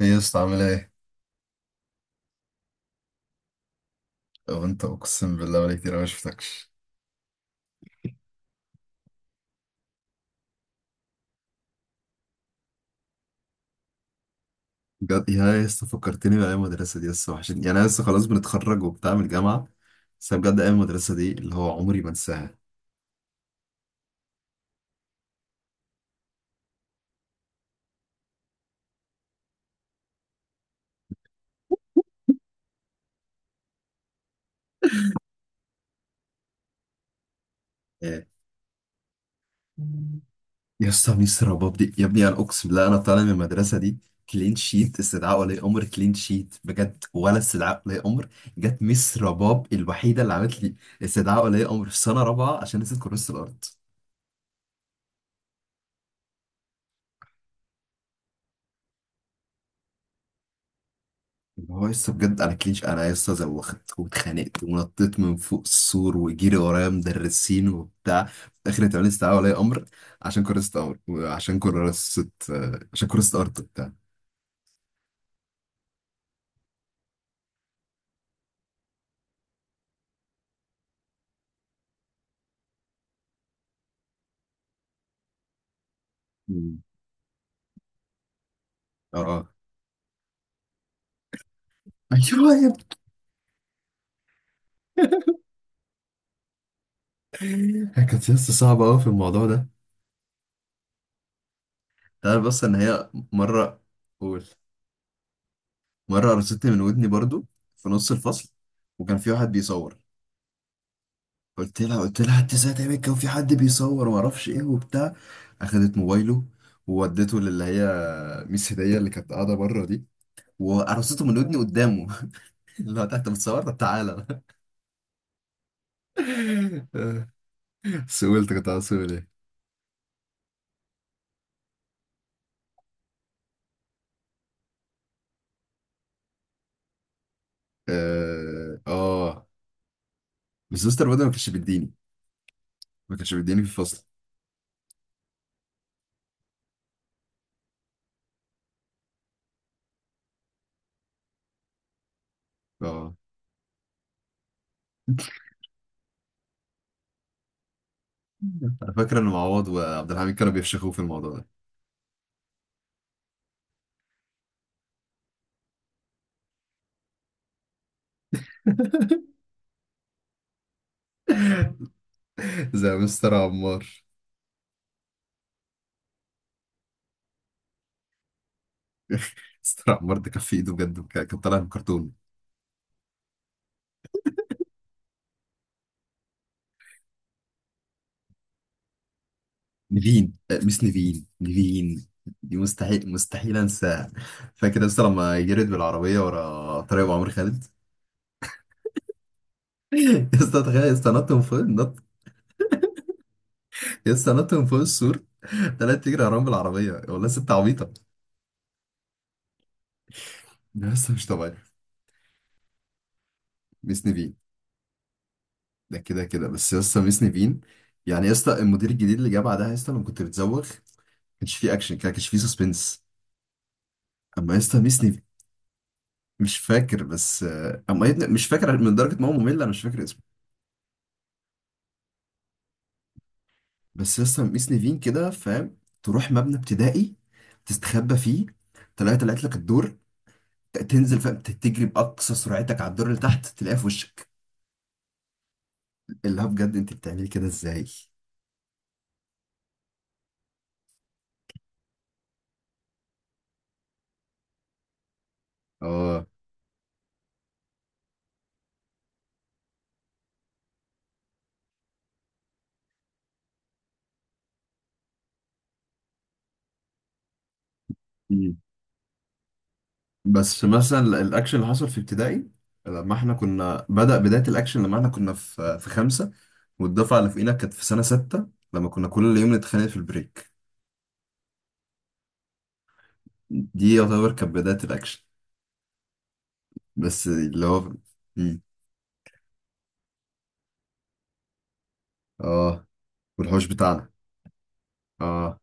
ايه يا اسطى عامل ايه؟ هو انت اقسم بالله بقالي كتير أوي ما شفتكش. بجد يا اسطى فكرتني بايام المدرسه دي، لسه وحشتني، يعني انا لسه خلاص بنتخرج وبتاع من الجامعه. بس أنا بجد ايام المدرسه دي اللي هو عمري ما انساها. إيه. يا اسطى ميس رباب دي يا ابني، انا اقسم بالله انا طالع من المدرسه دي كلين شيت، استدعاء ولي امر كلين شيت بجد ولا استدعاء ولي امر. جت ميس رباب الوحيده اللي عملت لي استدعاء ولي امر في سنه رابعه عشان نسيت كراسه الارض. اللي هو لسه بجد انا كليش، انا لسه زوخت واتخانقت ونطيت من فوق السور وجري ورايا مدرسين وبتاع، في الاخر اتعمل استدعاء ولي امر عشان كرست امر وعشان كرست عشان كرست ارض وبتاع. مم. اه اه. ايوه يا ابني. هي كانت لسه صعبه قوي في الموضوع ده. تعرف بس ان هي مره. قول. مره قرصتني من ودني برضو في نص الفصل، وكان في واحد بيصور. قلت لها، قلت لها انت ازاي تعمل، كان في حد بيصور وما اعرفش ايه وبتاع. اخدت موبايله وودته للي هي ميس هديه اللي كانت قاعده بره دي، وقرصته من ودني قدامه. اللي هو تحت بتصور طب تعالى. سئلت، كنت عاوز اسال ايه. اه. آه. بس مستر بدر ما كانش بيديني، ما كانش بيديني في الفصل. اه. انا فاكر ان معوض وعبد الحميد كانوا بيفشخوه في الموضوع ده. زي مستر عمار. مستر عمار ده كان في ايده بجد كان كان طالع من كرتون. نيفين مش نيفين نيفين. دي مستحيل مستحيل انساها. فاكر لسه لما جريت بالعربيه ورا طريق ابو عمرو خالد. لسه تخيل لسه نط من فوق النط. لسه نط من فوق السور. طلعت تجري وراهم بالعربيه والله، ست عبيطه لسه مش طبيعي. ميس نيفين، ده كده كده. بس لسه ميس نيفين يعني لسه المدير الجديد اللي جه بعدها، لسه لما كنت بتزوغ كانش فيه اكشن، كان كانش فيه سسبنس اما لسه ميس نيفين. مش فاكر بس اما يا ابني مش فاكر من درجه ما هو ممل انا مش فاكر اسمه. بس لسه مقيس نيفين كده فاهم. تروح مبنى ابتدائي، تستخبى فيه، تلاقي طلعت لك الدور، تنزل فاهم تجري بأقصى سرعتك على الدور اللي تحت تلاقيها في وشك. اللي هو بجد انت بتعملي كده ازاي. اه. مم. بس مثلا الاكشن اللي حصل في ابتدائي، لما احنا كنا بدأ بداية الاكشن، لما احنا كنا في خمسة، والدفعة اللي فوقينا كانت في سنة ستة، لما كنا كل يوم نتخانق في البريك. دي يعتبر كانت بداية الاكشن بس اللي هو. مم. اه. والحوش بتاعنا. اه.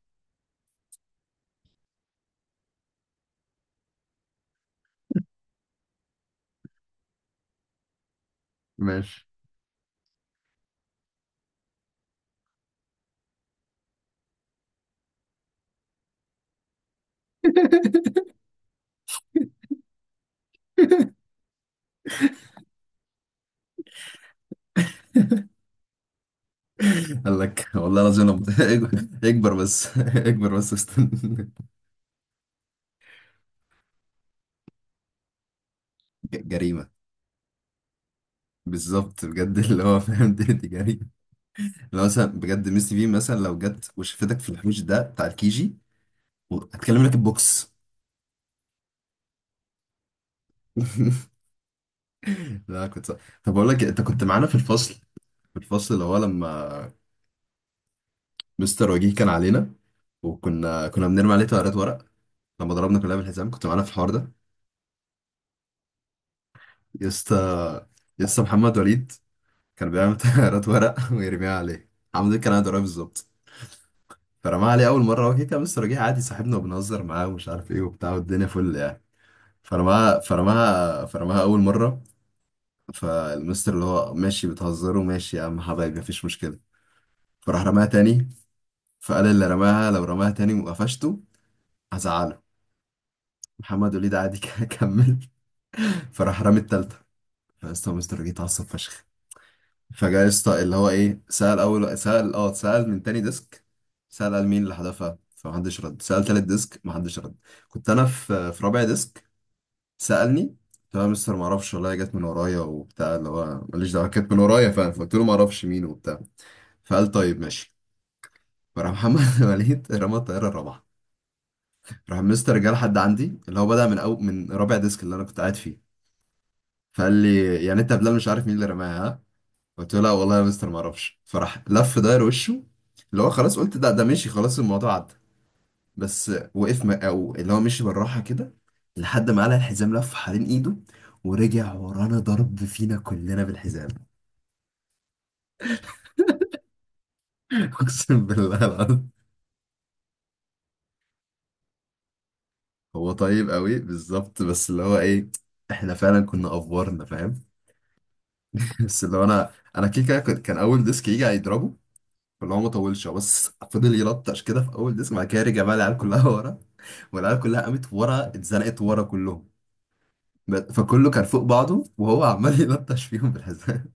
ماشي. قال لك والله العظيم لو بت- اكبر بس، اكبر بس استنى. ج- جريمة. بالظبط بجد اللي هو فاهم دي، دي جريمة. لو مثلا بجد ميس تي في مثلا لو جت وشفتك في الحوش ده بتاع الكيجي هتكلم لك البوكس. لا كنت صح. طب اقول لك إيه، انت كنت معانا في الفصل، في الفصل اللي هو لما مستر وجيه كان علينا، وكنا بنرمي عليه طيارات ورق. لما ضربنا كلها بالحزام كنت معانا في الحوار ده. يا اسطى، يا اسطى محمد وليد كان بيعمل طيارات ورق ويرميها عليه. عمود كان عنده رأي بالظبط. فرماها عليه اول مره، هو كده كان لسه راجع عادي صاحبنا وبنهزر معاه ومش عارف ايه وبتاع والدنيا فل يعني. فرماها فرماها اول مره. فالمستر اللي هو ماشي، بتهزروا ماشي يا عم حبايبي مفيش مشكله. فراح رماها تاني. فقال اللي رماها لو رماها تاني وقفشته هزعله. محمد وليد عادي كمل. فراح رامي التالتة. فاستاذ مستر جه اتعصب فشخ. فجاء يسطا اللي هو ايه، سأل اول سأل اه، سأل من تاني ديسك. سأل، قال مين اللي حذفها، فمحدش رد. سأل تالت ديسك محدش رد. كنت انا في رابع ديسك. سألني، قلت له يا مستر معرفش والله، جت من ورايا وبتاع اللي هو ماليش دعوة كانت من ورايا فاهم، فقلت له معرفش مين وبتاع. فقال طيب ماشي. فراح محمد وليد رمى الطيارة الرابعة. راح مستر جه لحد عندي اللي هو بدأ من أو من رابع ديسك اللي انا كنت قاعد فيه. فقال لي يعني انت يا بلال مش عارف مين اللي رماها. قلت له لا والله يا مستر ما اعرفش. فراح لف داير وشه اللي هو خلاص قلت ده ده مشي خلاص الموضوع عدى. بس وقف م- او اللي هو مشي بالراحه كده لحد ما قلع الحزام، لف حوالين ايده ورجع ورانا ضرب فينا كلنا بالحزام. اقسم بالله العظيم. هو طيب قوي بالظبط بس اللي هو ايه، احنا فعلا كنا افورنا فاهم. بس اللي هو انا، انا كده كده كنت، كان اول ديسك يجي هيضربه اللي هو ما طولش هو بس فضل يلطش كده في اول ديسك. بعد كده رجع بقى العيال كلها ورا، والعيال كلها قامت ورا اتزنقت ورا كلهم. ب- فكله كان فوق بعضه وهو عمال يلطش فيهم بالحزام.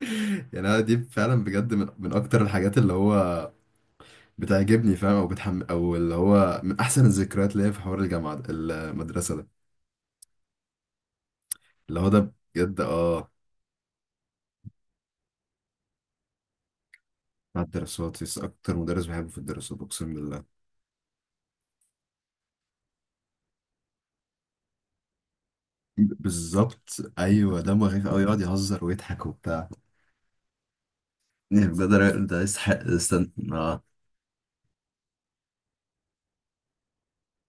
يعني انا دي فعلا بجد من اكتر الحاجات اللي هو بتعجبني فاهم او بتحم او اللي هو من احسن الذكريات اللي هي في حوار الجامعه ده- المدرسه ده. اللي هو ده بجد اه. مع الدراسات يس اكتر مدرس بحبه في الدراسات اقسم بالله. بالظبط ايوه دمه خفيف قوي، يقعد يهزر ويضحك وبتاع. يعني بجد الراجل ده يستحق، استنى اه.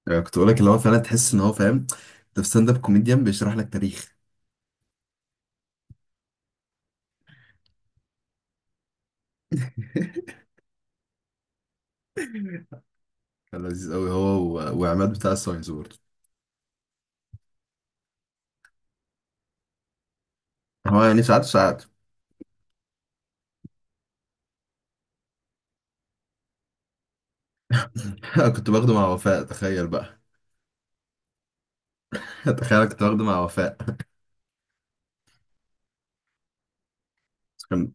يعني كنت بقول لك اللي هو فعلا تحس ان هو فاهم، انت في ستاند اب كوميديان بيشرح لك تاريخ. كان لذيذ قوي هو و- وعماد بتاع الساينس برضه. هو يعني ساعات ساعات. كنت باخده مع وفاء تخيل بقى. تخيل أنا كنت باخده مع وفاء. كان-.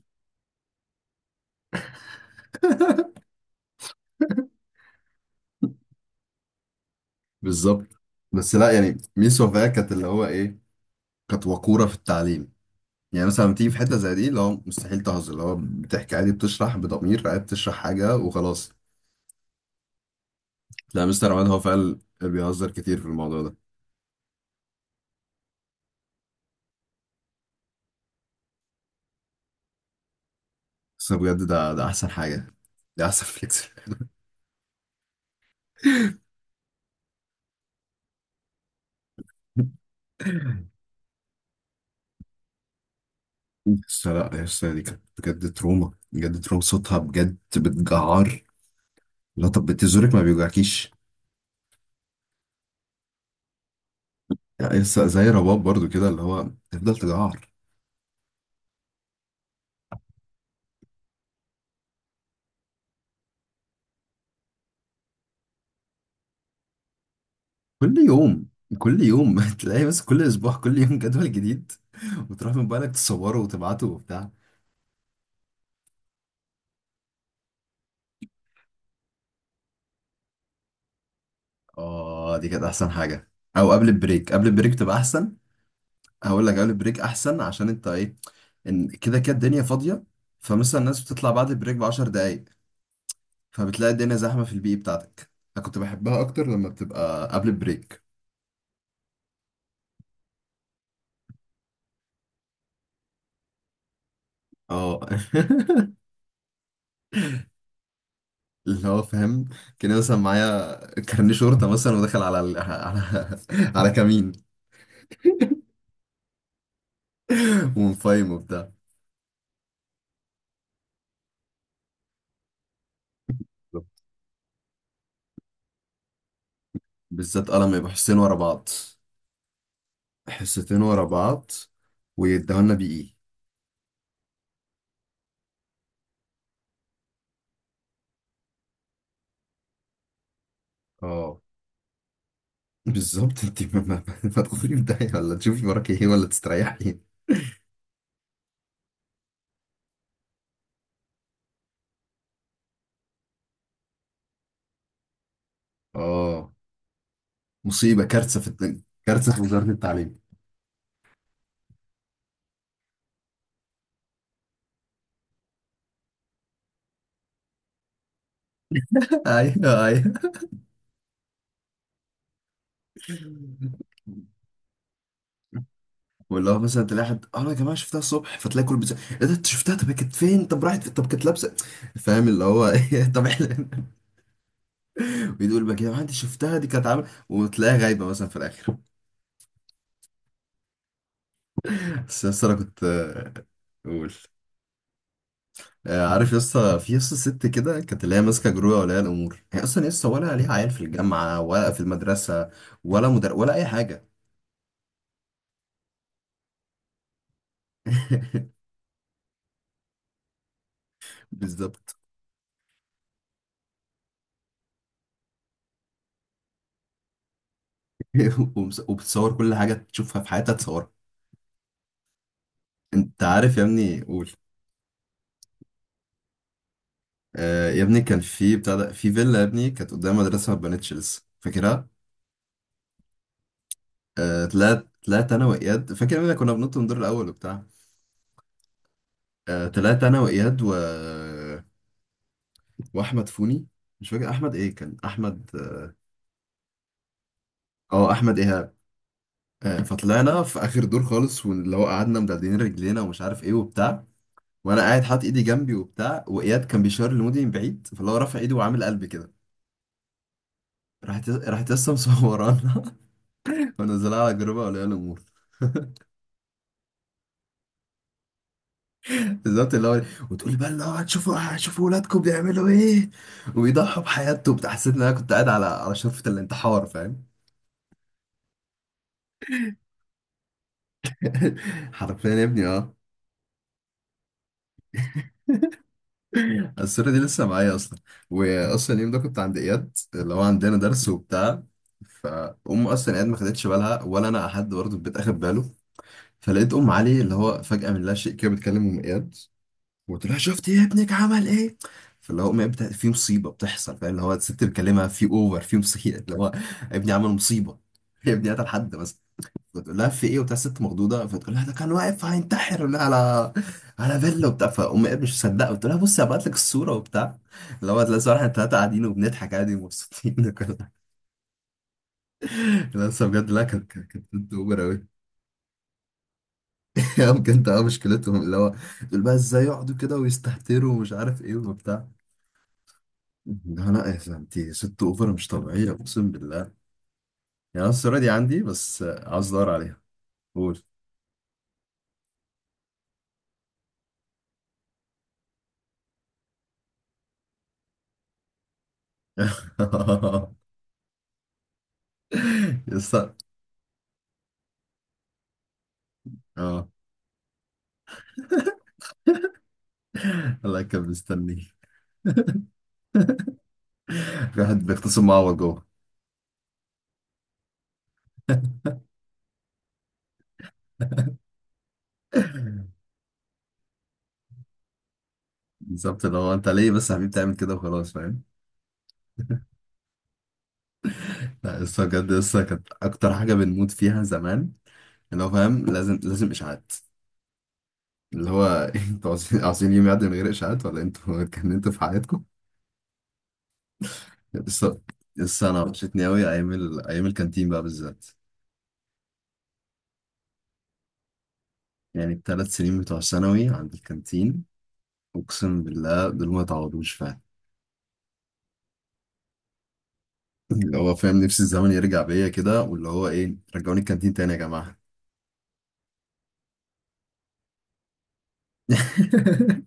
بالظبط. بس لا يعني ميس وفاء كانت اللي هو ايه، كانت وقورة في التعليم. يعني مثلا لما تيجي في حتة زي دي اللي هو مستحيل تهزر، اللي هو بتحكي عادي بتشرح بضمير عادي بتشرح حاجة وخلاص. لا مستر عماد هو فعلا بيهزر كتير في الموضوع ده. بس أنا بجد ده ده احسن حاجه، ده احسن فليكس. بس لا يا اسطى دي كانت بجد تروما بجد تروما، صوتها بجد بتجعر. لا طب بتزورك ما بيوجعكيش. يعني يا اسطى زي رباب برضو كده اللي هو تفضل تجعر. كل يوم كل يوم تلاقي بس كل اسبوع كل يوم جدول جديد، وتروح من بالك تصوره وتبعته وبتاع. اه دي كانت احسن حاجه. او قبل البريك، قبل البريك تبقى احسن. هقول لك قبل البريك احسن عشان انت ايه، ان كده كده الدنيا فاضيه. فمثلا الناس بتطلع بعد البريك ب 10 دقايق، فبتلاقي الدنيا زحمه في البي بتاعتك. انا كنت بحبها اكتر لما بتبقى قبل البريك. اه. اللي هو فاهم كان مثلا معايا كارنيه شرطه مثلا ودخل على ال... على، على كمين. ومفايم وبتاع. بالذات قلم يبقى حصتين ورا بعض، حصتين ورا بعض ويدهولنا بإيه. اه. بالظبط. انت ما تدخلي في داهية ولا تشوفي وراك ايه ولا تستريحي. اه. مصيبة كارثة في الت- كارثة في وزارة التعليم. ايوه ايوه. واللي هو مثلا تلاقي حد اه يا جماعة شفتها الصبح، فتلاقي كل بيسأل ايه ده انت شفتها طب هي كانت فين طب راحت فين؟ طب كانت لابسة فاهم اللي هو ايه. طب احنا بيقول بقى يا جماعة انت شفتها دي كانت عاملة وتلاقيها غايبة مثلا في الآخر. بس يا اسطى انا كنت قول. عارف يا اسطى في يا اسطى ست كده كانت اللي هي ماسكه جرويه ولا الامور هي اصلا يا اسطى ولا ليها عيال في الجامعه ولا في المدرسه ولا مدر... ولا اي حاجه. بالظبط. وبس- وبتصور كل حاجة تشوفها في حياتها تصورها. انت عارف يا ابني قول. آه يا ابني كان في بتاع ده في فيلا يا ابني كانت قدام مدرسة ما اتبنتش لسه فاكرها؟ آه طلعت انا وإياد فاكر يا ابني كنا بننط من الدور الأول وبتاع. آه طلعت انا وإياد و... وأحمد فوني. مش فاكر أحمد إيه كان أحمد. اه أحمد إيهاب. آه فطلعنا في آخر دور خالص، واللي هو قعدنا مدلدلين رجلينا ومش عارف إيه وبتاع. وأنا قاعد حاطط إيدي جنبي وبتاع، وإياد كان بيشاور لمودي من بعيد فاللي هو رافع إيده وعامل قلب كده. راحت لسه مصورانا، ونزلها على جروب اولياء الامور. بالظبط اللي هو، وتقولي بقى اللي هو هتشوفوا ولادكم بيعملوا ايه وبيضحوا بحياتهم بتاع. حسيت ان انا كنت قاعد على على شرفة الانتحار فاهم. حرفيا يا ابني اه. الصورة دي لسه معايا اصلا. واصلا اليوم ده كنت عند اياد اللي هو عندنا درس وبتاع. فأم أصلا قاعد ما خدتش بالها ولا أنا أحد برضه البيت أخد باله. فلقيت أم علي اللي هو فجأة من لا شيء كده بتكلم أم إياد، وقلت لها شفت يا ابنك عمل ايه. فاللي هو أمي بتا- في مصيبه بتحصل فاللي هو الست بتكلمها في اوفر في مصيبه اللي هو ابني عمل مصيبه. يا ابني قتل حد بس. فتقول لها في ايه وبتاع الست مخضوضه، فتقول لها ده كان واقف هينتحر ولا على على فيلا وبتاع. فامي قالت مش مصدقه، قلت لها بصي هبعت لك الصوره وبتاع. اللي هو تلاقي صراحه الثلاثه قاعدين وبنضحك عادي ومبسوطين وكل حاجة. لا بس بجد لا كانت كانت كانت بنت اوبر قوي. بجد اه مشكلتهم اللي هو، تقول بقى ازاي يقعدوا كده ويستهتروا ومش عارف ايه وبتاع. لا لا يا انت ست اوفر مش طبيعيه اقسم بالله يعني. انا الصوره دي عندي بس عاوز ادور عليها. قول. يس اه. الله كان مستني. في واحد بيختصم معوض جوه. بالظبط اللي هو انت ليه بس يا حبيبي تعمل كده وخلاص فاهم. لا لسه بجد لسه كانت اكتر حاجه بنموت فيها زمان. اللي هو فاهم لازم لازم اشاعات. اللي هو. انتوا عاوزين عاوزين يوم يعدي من غير اشاعات، ولا انتوا اتكلمتوا في حياتكم بس. بس انا وحشتني قوي ايام ال... ايام الكانتين بقى بالذات. يعني الثلاث سنين بتوع ثانوي عند الكانتين اقسم بالله دول ما يتعوضوش فعلا. اللي هو فاهم نفسي الزمن يرجع بيا كده واللي هو ايه، رجعوني الكانتين تاني يا جماعه.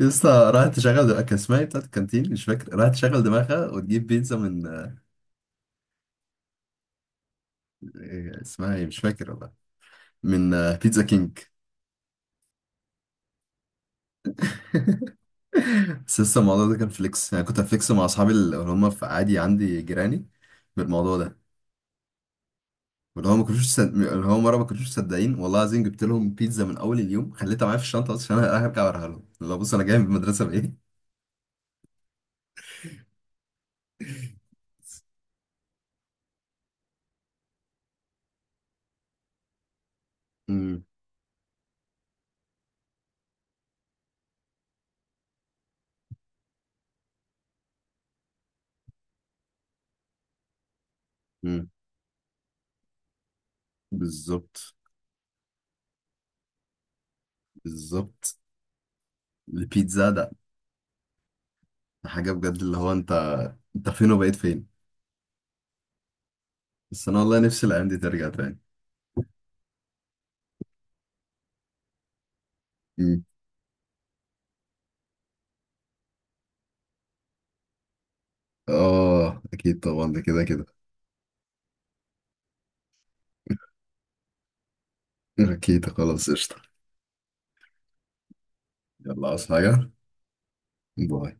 لسه راحت تشغل دماغها كان اسمها ايه بتاعت الكانتين مش فاكر، راحت تشغل دماغها وتجيب بيتزا من إيه اسمها ايه مش فاكر والله. من بيتزا كينج. بس لسه الموضوع ده كان فليكس، يعني كنت هفليكس مع اصحابي اللي هم في عادي عندي جيراني بالموضوع ده. اللي هو ما كانوش صد... اللي هو مره ما كانوش مصدقين والله العظيم جبت لهم بيتزا من اول اليوم خليتها معايا في الشنطه اصلا عشان انا هرجع اوريها لهم اللي هو بص انا جاي من المدرسه بايه. امم. امم. بالظبط. بالظبط البيتزا ده. ده حاجه بجد اللي هو انت، انت فين وبقيت فين. بس انا والله نفسي الايام دي ترجع تاني. امم. اه اكيد طبعا ده كده كده. اكيد خلاص قشطه. يلا، عاوز حاجه. باي